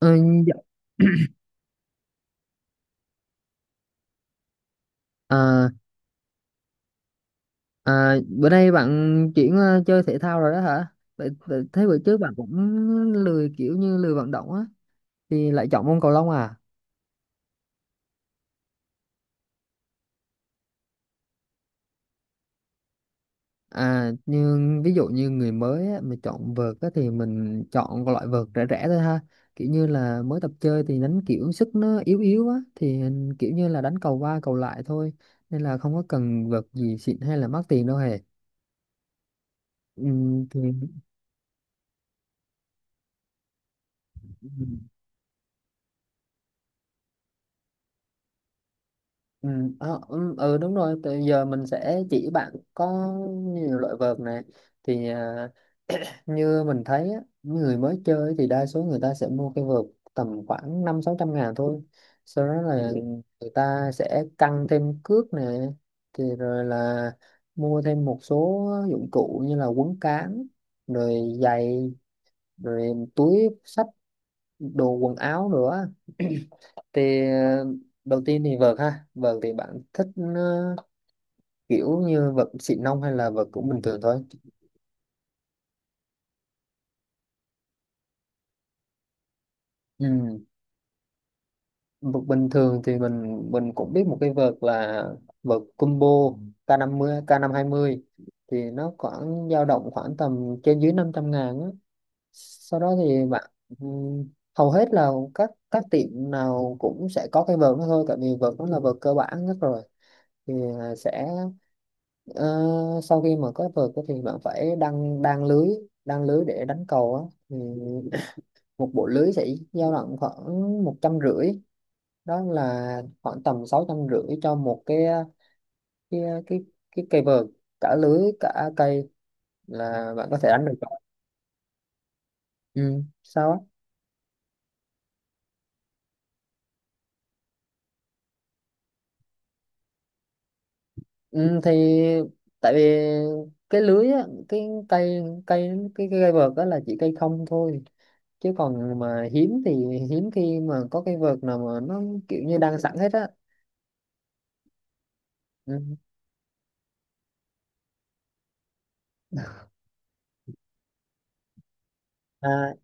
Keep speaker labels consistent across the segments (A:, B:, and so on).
A: Ờ, dạ. à, Bữa nay bạn chuyển chơi thể thao rồi đó hả? Vậy thế bữa trước bạn cũng lười kiểu như lười vận động á thì lại chọn môn cầu lông à? À nhưng ví dụ như người mới á, mà chọn vợt á, thì mình chọn cái loại vợt rẻ rẻ thôi ha. Kiểu như là mới tập chơi thì đánh kiểu sức nó yếu yếu á thì kiểu như là đánh cầu qua cầu lại thôi, nên là không có cần vợt gì xịn hay là mắc tiền đâu hề. Ừ, thì... Ừ, Đúng rồi, từ giờ mình sẽ chỉ bạn có nhiều loại vợt này, thì à, như mình thấy á, người mới chơi thì đa số người ta sẽ mua cái vợt tầm khoảng năm sáu trăm ngàn thôi, sau đó là người ta sẽ căng thêm cước nè, thì rồi là mua thêm một số dụng cụ như là quấn cán, rồi giày, rồi túi xách, đồ quần áo nữa. thì ờ, đầu tiên thì vợt ha, vợt thì bạn thích ờ, kiểu như vợt xịn nông hay là vợt cũng bình thường thôi? Ừ. Vợt bình thường thì mình cũng biết một cái vợt là vợt combo K50, k mươi ca năm hai mươi, thì nó khoảng dao động khoảng tầm trên dưới 500 ngàn á. Sau đó thì bạn ừm, hầu hết là các tiệm nào cũng sẽ có cái vợt đó thôi, tại vì vợt nó là vợt cơ bản nhất rồi. Thì à, sẽ ờ, Sau khi mà có vợt á thì bạn phải đăng đan lưới, đan lưới để đánh cầu á, thì một bộ lưới sẽ dao động khoảng một trăm rưỡi. Đó là khoảng tầm sáu trăm rưỡi cho một cái cái cái cây vợt, cả lưới cả cây là bạn có thể đánh được rồi. Ừ. Sao á? Ừ, thì tại vì cái lưới á, cái cây cây cái cây vợt đó là chỉ cây không thôi, chứ còn mà hiếm khi mà có cây vợt nào mà nó kiểu như đang sẵn hết á. Ừ. à,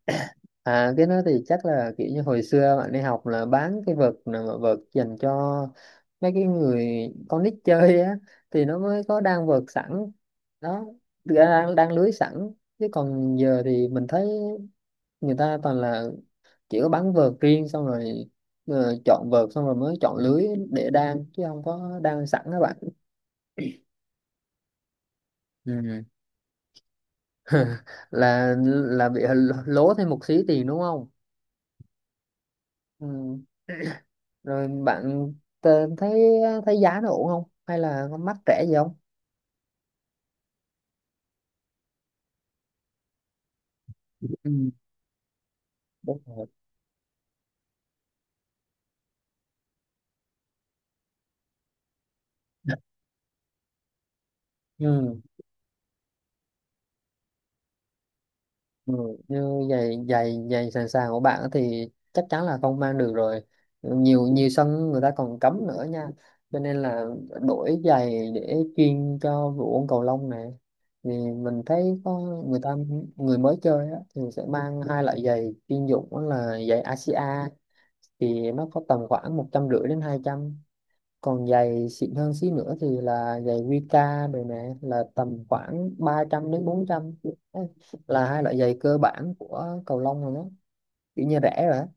A: à, cái đó thì chắc là kiểu như hồi xưa bạn đi học là bán cái vợt nào mà vợt dành cho mấy cái người con nít chơi á, thì nó mới có đang vợt sẵn đó, đang lưới sẵn, chứ còn giờ thì mình thấy người ta toàn là chỉ có bắn vợt riêng, xong rồi chọn vợt xong rồi mới chọn lưới để đan chứ không có đan sẵn các bạn. Ừ. Là Bị lố thêm một xí tiền đúng không. Ừ. Rồi bạn thấy, thấy giá nó ổn không hay là có mắc rẻ gì không? Ừ. Đúng rồi. Ừ. Ừ, như giày giày giày sàn sàn của bạn thì chắc chắn là không mang được rồi, nhiều nhiều sân người ta còn cấm nữa nha, cho nên là đổi giày để chuyên cho vụ ôn cầu lông này. Thì mình thấy có người ta người mới chơi á, thì sẽ mang hai loại giày chuyên dụng, đó là giày ASIA, thì nó có tầm khoảng một trăm rưỡi đến hai trăm. Còn giày xịn hơn xí nữa thì là giày Wika rồi nè, là tầm khoảng 300 đến 400. Đấy, là hai loại giày cơ bản của cầu lông rồi đó, kiểu như rẻ rồi á,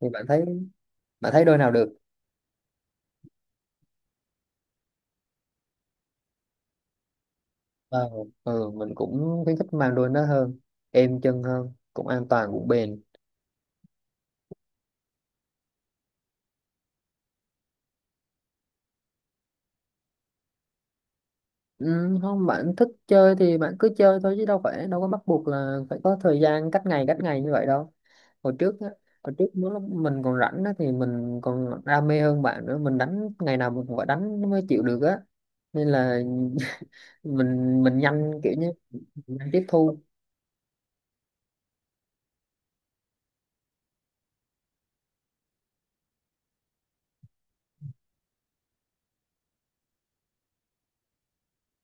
A: thì bạn thấy đôi nào được? Ờ, mình cũng khuyến khích mang đôi nó hơn, êm chân hơn, cũng an toàn cũng bền. Ừ, không, bạn thích chơi thì bạn cứ chơi thôi chứ đâu phải, đâu có bắt buộc là phải có thời gian cách ngày như vậy đâu. hồi trước á Hồi trước nếu lúc mình còn rảnh á thì mình còn đam mê hơn bạn nữa, mình đánh ngày nào mình cũng phải đánh nó mới chịu được á, nên là mình nhanh kiểu như mình nhanh tiếp thu.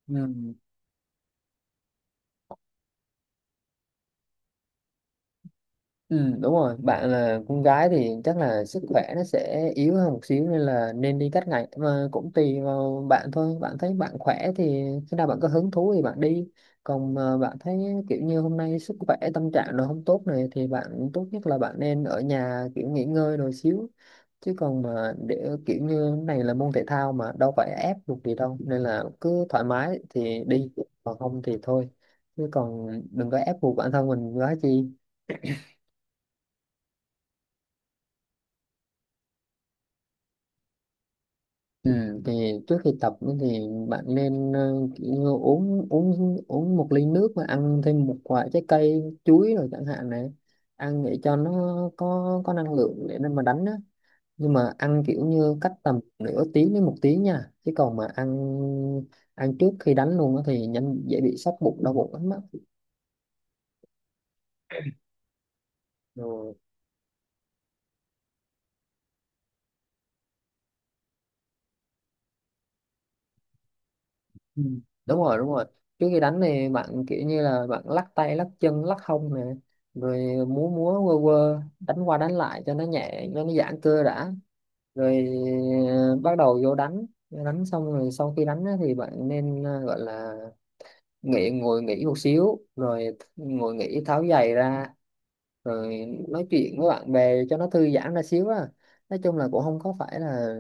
A: Ừ. Ừ, đúng rồi, bạn là con gái thì chắc là sức khỏe nó sẽ yếu hơn một xíu, nên là nên đi các ngành mà cũng tùy vào bạn thôi, bạn thấy bạn khỏe thì khi nào bạn có hứng thú thì bạn đi, còn mà bạn thấy kiểu như hôm nay sức khỏe tâm trạng nó không tốt này thì bạn tốt nhất là bạn nên ở nhà kiểu nghỉ ngơi rồi xíu. Chứ còn mà để kiểu như này là môn thể thao mà đâu phải ép buộc gì đâu, nên là cứ thoải mái thì đi còn không thì thôi, chứ còn đừng có ép buộc bản thân mình quá chi. Ừ, thì trước khi tập ấy thì bạn nên kiểu như uống uống uống một ly nước và ăn thêm một quả trái cây, chuối rồi chẳng hạn này, ăn để cho nó có năng lượng để nên mà đánh á. Nhưng mà ăn kiểu như cách tầm nửa tiếng đến một tiếng nha, chứ còn mà ăn ăn trước khi đánh luôn á thì nhanh dễ bị sắp bụng đau bụng lắm á. Ừ. Đúng rồi, trước khi đánh thì bạn kiểu như là bạn lắc tay lắc chân lắc hông nè, rồi múa múa quơ quơ đánh qua đánh lại cho nó nhẹ, cho nó giãn cơ đã. rồi Bắt đầu vô đánh, đánh xong rồi sau khi đánh á thì bạn nên gọi là ngồi nghỉ một xíu, rồi ngồi nghỉ tháo giày ra, rồi nói chuyện với bạn bè cho nó thư giãn ra xíu á. Nói chung là cũng không có phải là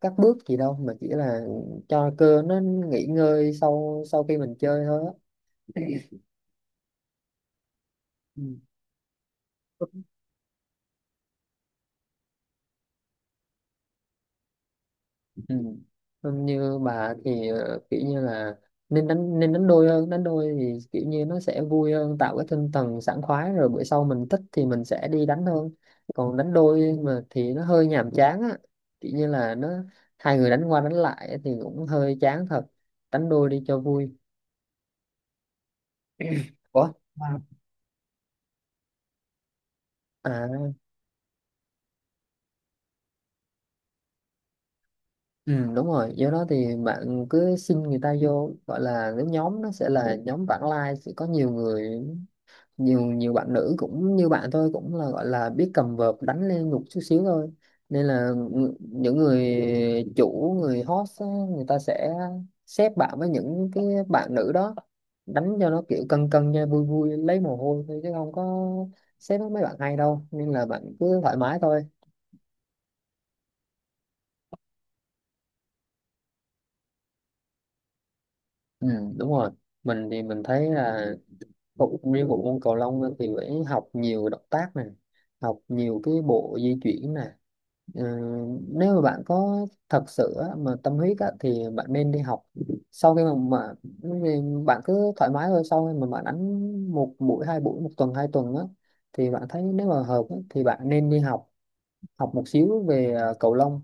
A: các bước gì đâu, mà chỉ là cho cơ nó nghỉ ngơi sau sau khi mình chơi thôi á. Ừ. Ừ. Không, như bà thì kiểu như là nên đánh đôi hơn, đánh đôi thì kiểu như nó sẽ vui hơn, tạo cái tinh thần sảng khoái, rồi bữa sau mình thích thì mình sẽ đi đánh hơn. Còn đánh đôi mà thì nó hơi nhàm chán á, kiểu như là nó hai người đánh qua đánh lại thì cũng hơi chán thật, đánh đôi đi cho vui. Ủa? Vâng. À, ừ, Đúng rồi. Do đó thì bạn cứ xin người ta vô, gọi là cái nhóm nó sẽ là nhóm vãng lai sẽ có nhiều người, nhiều nhiều bạn nữ cũng như bạn tôi cũng là gọi là biết cầm vợt đánh lên nhục chút xíu thôi. Nên là những người chủ, người host á, người ta sẽ xếp bạn với những cái bạn nữ đó đánh cho nó kiểu cân cân cho vui vui lấy mồ hôi thôi, chứ không có xếp với mấy bạn hay đâu, nên là bạn cứ thoải mái thôi. Ừ, đúng rồi, mình thấy là nguyên bộ môn cầu lông á, thì phải học nhiều động tác này, học nhiều cái bộ di chuyển này. Ờ, nếu mà bạn có thật sự á, mà tâm huyết á, thì bạn nên đi học sau khi mà vì bạn cứ thoải mái thôi. Sau khi mà bạn đánh một buổi hai buổi một tuần hai tuần á thì bạn thấy nếu mà hợp á, thì bạn nên đi học, học một xíu về cầu lông,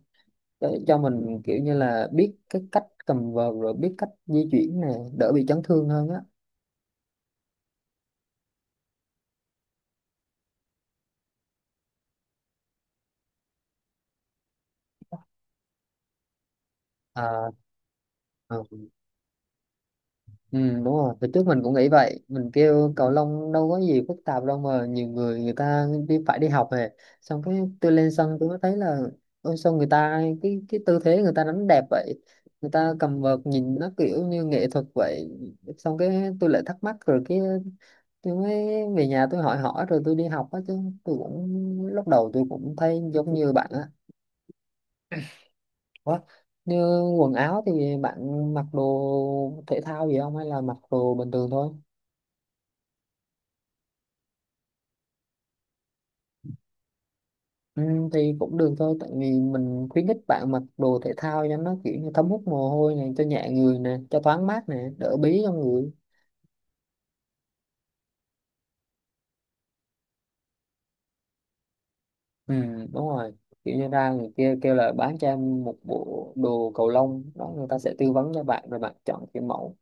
A: để cho mình kiểu như là biết cái cách cầm vợt, rồi biết cách di chuyển này, đỡ bị chấn thương hơn á. à, à. Ừ, đúng rồi, từ trước mình cũng nghĩ vậy. Mình kêu cầu lông đâu có gì phức tạp đâu mà, nhiều người người ta đi phải đi học về. Xong cái tôi lên sân tôi mới thấy là: ôi sao người ta cái tư thế người ta đánh đẹp vậy, người ta cầm vợt nhìn nó kiểu như nghệ thuật vậy. Xong cái tôi lại thắc mắc rồi, cái tôi mới về nhà tôi hỏi hỏi rồi tôi đi học á chứ. Tôi cũng Lúc đầu tôi cũng thấy giống như bạn á. Ủa, như quần áo thì bạn mặc đồ thể thao gì không hay là mặc đồ bình thường thôi? Ừ, thì cũng được thôi, tại vì mình khuyến khích bạn mặc đồ thể thao cho nó kiểu như thấm hút mồ hôi này, cho nhẹ người nè, cho thoáng mát nè, đỡ bí trong người. Ừ, đúng rồi, kiểu như ra người kia kêu là bán cho em một bộ đồ cầu lông đó, người ta sẽ tư vấn cho bạn rồi bạn chọn cái mẫu.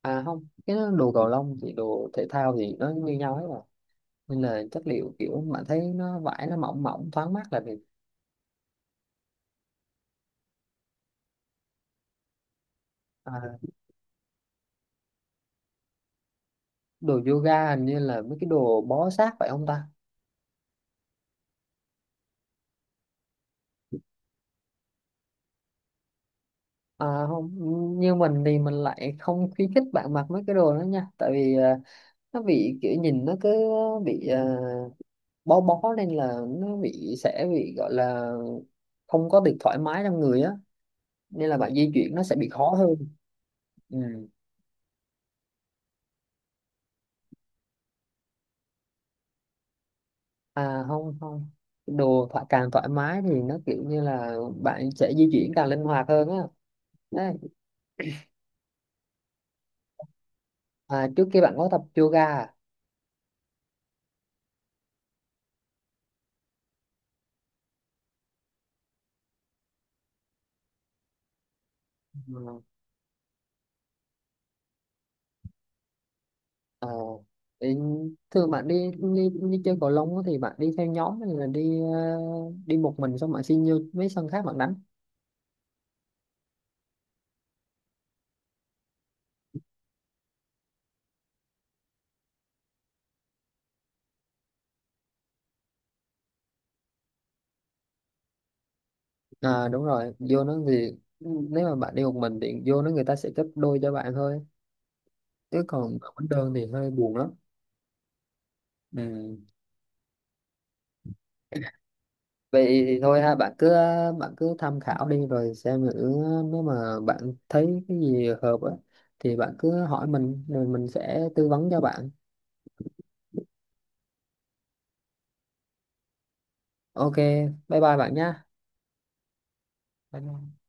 A: À không, cái đó đồ cầu lông thì đồ thể thao thì nó như nhau hết rồi, nên là chất liệu kiểu bạn thấy nó vải nó mỏng mỏng thoáng mát là được. À, đồ yoga hình như là mấy cái đồ bó sát phải không ta? À, không, như mình thì mình lại không khuyến khích bạn mặc mấy cái đồ đó nha, tại vì nó bị kiểu nhìn nó cứ bị bó bó, nên là nó bị, sẽ bị gọi là không có được thoải mái trong người á, nên là bạn di chuyển nó sẽ bị khó hơn. Ừ. À không không, đồ càng thoải mái thì nó kiểu như là bạn sẽ di chuyển càng linh hoạt hơn á. Đấy. À, trước kia bạn có tập yoga à? Ừ. Ờ, thì Thường bạn đi, đi chơi cầu lông á thì bạn đi theo nhóm hay là đi đi một mình xong bạn xin vô mấy sân khác bạn đánh? À đúng rồi, vô nó thì nếu mà bạn đi một mình thì vô nó người ta sẽ gấp đôi cho bạn thôi, chứ còn đánh đơn thì hơi buồn lắm. Ừ. Vậy thì thôi ha, bạn cứ tham khảo đi rồi xem thử, nếu mà bạn thấy cái gì hợp á thì bạn cứ hỏi mình rồi mình sẽ tư vấn cho bạn. Ok, bye bye bạn nha. Bye bye.